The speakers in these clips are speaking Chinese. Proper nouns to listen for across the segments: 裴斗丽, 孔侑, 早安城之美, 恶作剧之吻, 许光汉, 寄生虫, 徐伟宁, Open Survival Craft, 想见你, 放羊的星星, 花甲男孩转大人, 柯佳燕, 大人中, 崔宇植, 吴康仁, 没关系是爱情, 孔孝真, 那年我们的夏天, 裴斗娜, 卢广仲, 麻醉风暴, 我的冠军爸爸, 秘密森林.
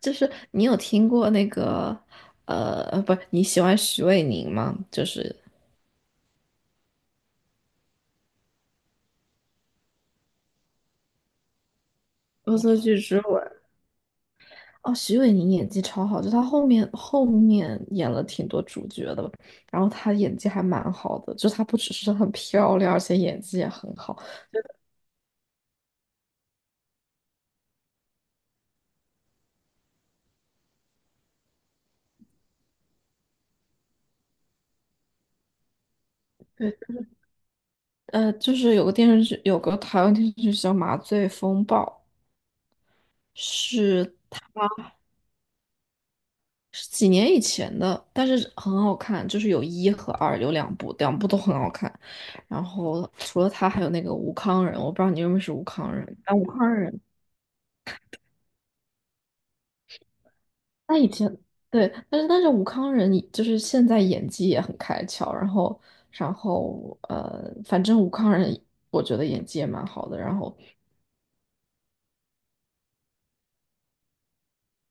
就是你有听过那个不，你喜欢徐伟宁吗？就是《恶作剧之吻》哦，徐伟宁演技超好，就他后面演了挺多主角的，然后他演技还蛮好的，就他不只是很漂亮，而且演技也很好。对，就是有个电视剧，有个台湾电视剧叫《麻醉风暴》，是。是几年以前的，但是很好看，就是有一和二，有两部，两部都很好看。然后除了他，还有那个吴康仁，我不知道你认不认识吴康仁。啊，吴康仁，他以前对，但是吴康仁就是现在演技也很开窍，然后反正吴康仁我觉得演技也蛮好的，然后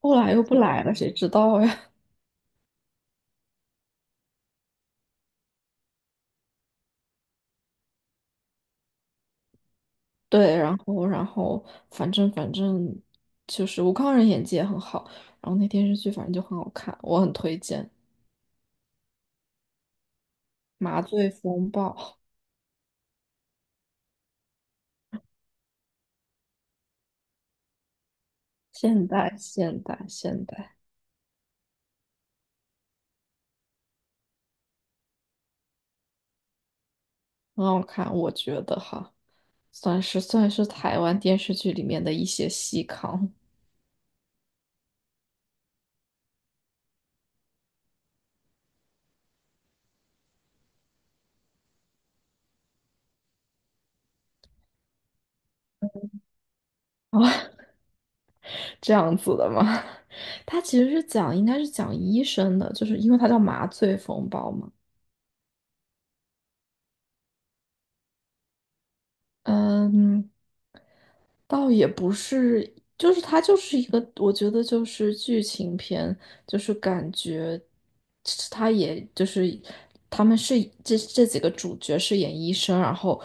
后来又不来了，谁知道呀？对，然后反正就是吴康仁演技也很好，然后那电视剧反正就很好看，我很推荐《麻醉风暴》，现代现代现代很好看，我觉得哈，算是台湾电视剧里面的一些细糠。啊，这样子的吗？它其实是讲，应该是讲医生的，就是因为它叫麻醉风暴嘛。嗯，倒也不是，就是它就是一个，我觉得就是剧情片，就是感觉它也就是他们是这几个主角是演医生，然后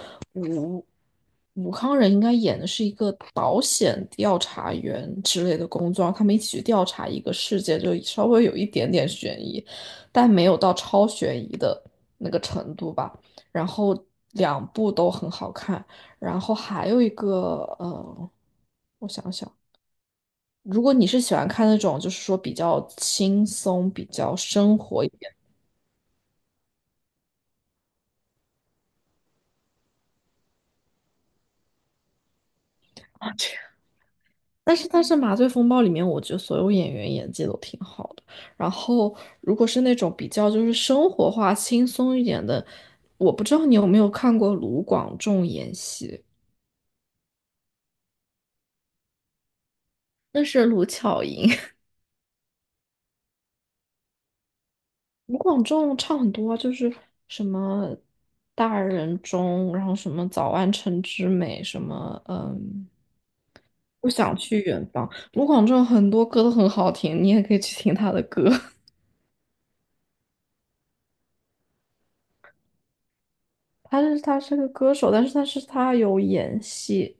武康人应该演的是一个保险调查员之类的工作，他们一起去调查一个事件，就稍微有一点点悬疑，但没有到超悬疑的那个程度吧。然后两部都很好看，然后还有一个我想想，如果你是喜欢看那种就是说比较轻松、比较生活一点。的。但是《麻醉风暴》里面，我觉得所有演员演技都挺好的。然后，如果是那种比较就是生活化、轻松一点的，我不知道你有没有看过卢广仲演戏，那是卢巧音。卢广仲唱很多啊就是什么《大人中》，然后什么《早安城之美》，什么嗯，不想去远方。卢广仲很多歌都很好听，你也可以去听他的歌。他是个歌手，但是他有演戏，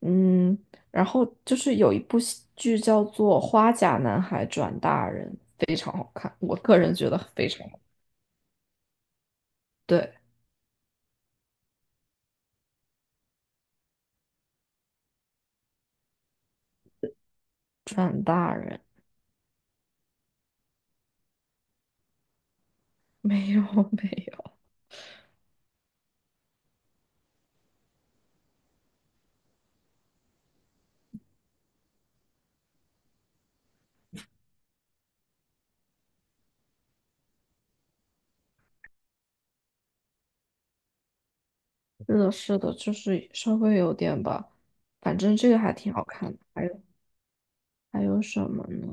嗯，然后就是有一部戏剧叫做《花甲男孩转大人》，非常好看，我个人觉得非常好。对，没有 没有，是的，是的，就是稍微有点吧，反正这个还挺好看的。还有还有什么呢？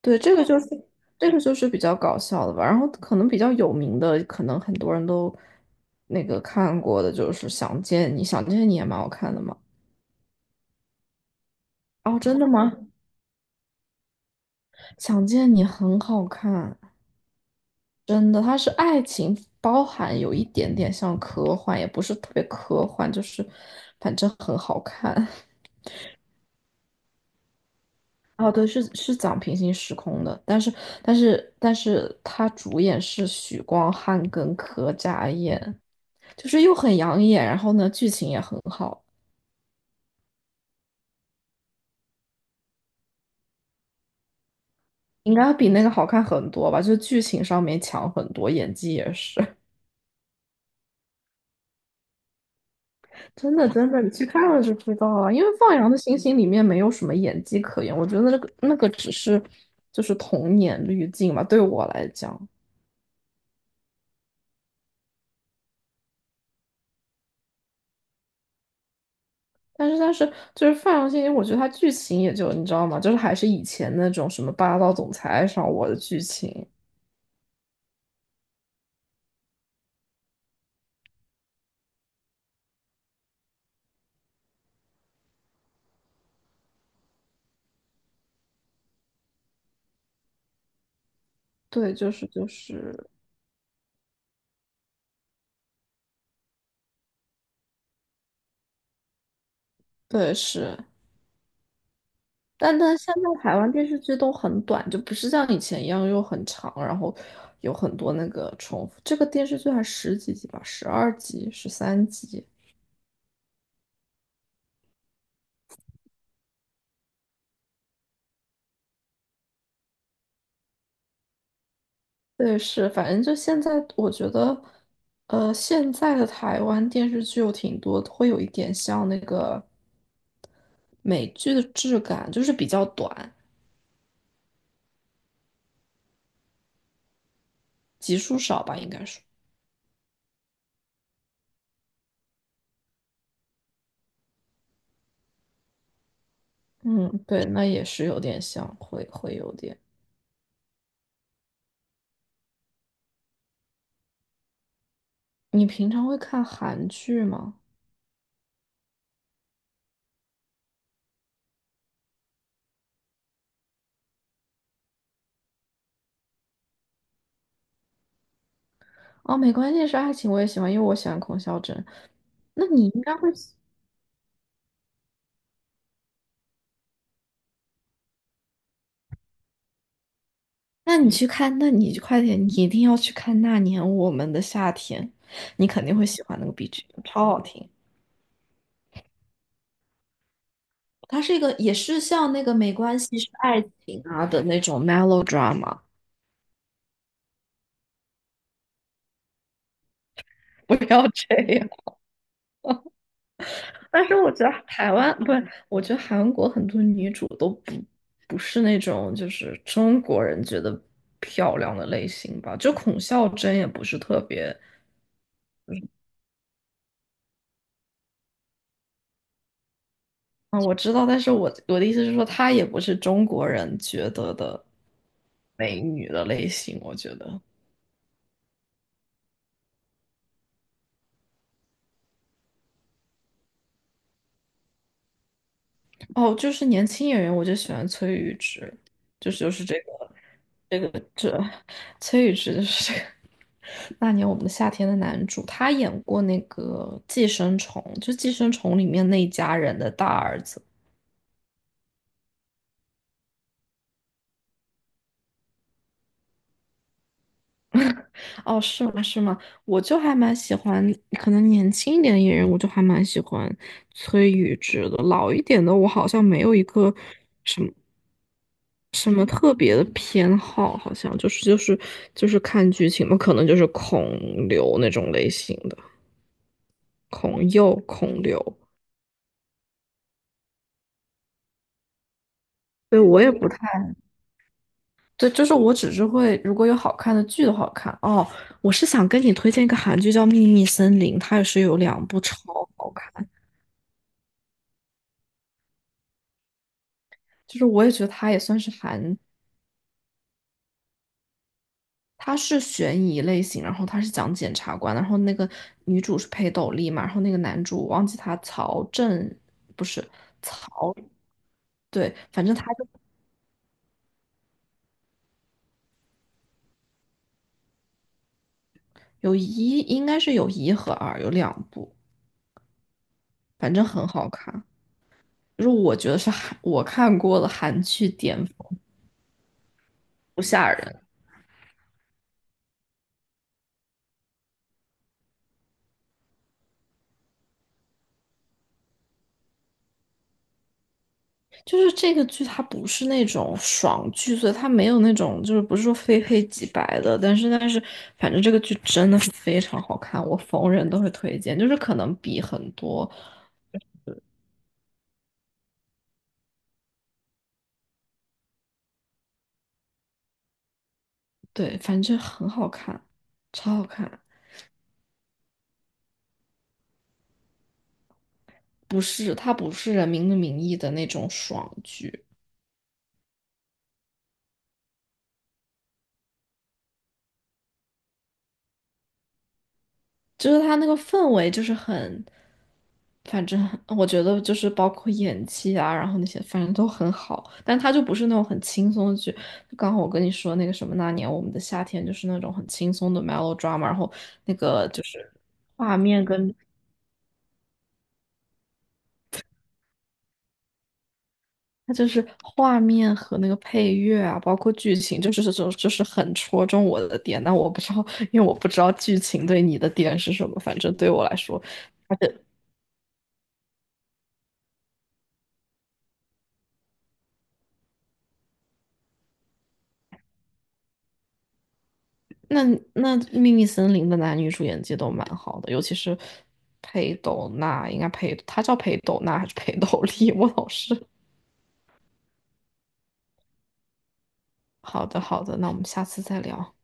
对，这个就是比较搞笑的吧，然后可能比较有名的，可能很多人都那个看过的，就是《想见你》，《想见你》也蛮好看的嘛。哦，真的吗？想见你很好看，真的，它是爱情，包含有一点点像科幻，也不是特别科幻，就是反正很好看。哦，对，是是讲平行时空的，但是它主演是许光汉跟柯佳燕，就是又很养眼，然后呢剧情也很好，应该比那个好看很多吧，就剧情上面强很多，演技也是。真的真的，你去看了就知道了。因为《放羊的星星》里面没有什么演技可言，我觉得那个只是就是童年滤镜吧，对我来讲。但是就是《放羊星星》，我觉得它剧情也就你知道吗？就是还是以前那种什么霸道总裁爱上我的剧情。对，就是对是，但现在台湾电视剧都很短，就不是像以前一样又很长，然后有很多那个重复。这个电视剧还十几集吧，12集、13集。对，是，反正就现在，我觉得，现在的台湾电视剧有挺多，会有一点像那个美剧的质感，就是比较短，集数少吧，应该是。嗯，对，那也是有点像，会有点。你平常会看韩剧吗？哦，没关系，是爱情我也喜欢，因为我喜欢孔孝真。那你应该会喜，那你去看，那你快点，你一定要去看《那年我们的夏天》，你肯定会喜欢那个 BGM，超好听。它是一个也是像那个《没关系是爱情》啊的那种 melodrama。不要这样。但是我觉得台湾不是，我觉得韩国很多女主都不是那种就是中国人觉得漂亮的类型吧。就孔孝真也不是特别啊，我知道，但是我的意思是说，她也不是中国人觉得的美女的类型。我觉得哦，就是年轻演员，我就喜欢崔宇植，就是这个。崔宇植就是这个那年我们的夏天的男主，他演过那个《寄生虫》，就《寄生虫》里面那一家人的大儿子。哦，是吗？是吗？我就还蛮喜欢，可能年轻一点的演员，我就还蛮喜欢崔宇植的。老一点的，我好像没有一个什么特别的偏好，好像就是看剧情嘛，可能就是孔刘那种类型的，孔侑、孔刘。对，我也不太对，就是我只是会，如果有好看的剧的好看哦，我是想跟你推荐一个韩剧叫《秘密森林》，它也是有两部超好看，就是我也觉得它也算是韩，它是悬疑类型，然后它是讲检察官，然后那个女主是裴斗丽嘛，然后那个男主我忘记他曹正不是曹，对，反正他就应该是有一和二，有两部，反正很好看，就是我觉得是韩我看过的韩剧巅峰，不吓人。就是这个剧，它不是那种爽剧，所以它没有那种就是不是说非黑即白的，但是反正这个剧真的是非常好看，我逢人都会推荐，就是可能比很多对，反正很好看，超好看，不是它不是《人民的名义》的那种爽剧，就是它那个氛围就是很反正我觉得就是包括演技啊，然后那些反正都很好，但他就不是那种很轻松的剧。就刚好我跟你说那个什么那年我们的夏天，就是那种很轻松的 melodrama，然后那个就是画面跟它就是画面和那个配乐啊，包括剧情，就是这种就是很戳中我的点。但我不知道，因为我不知道剧情对你的点是什么，反正对我来说。他的。那那《秘密森林》的男女主演技都蛮好的，尤其是裴斗娜，应该裴，她叫裴斗娜还是裴斗丽？我老是。好的，好的，那我们下次再聊。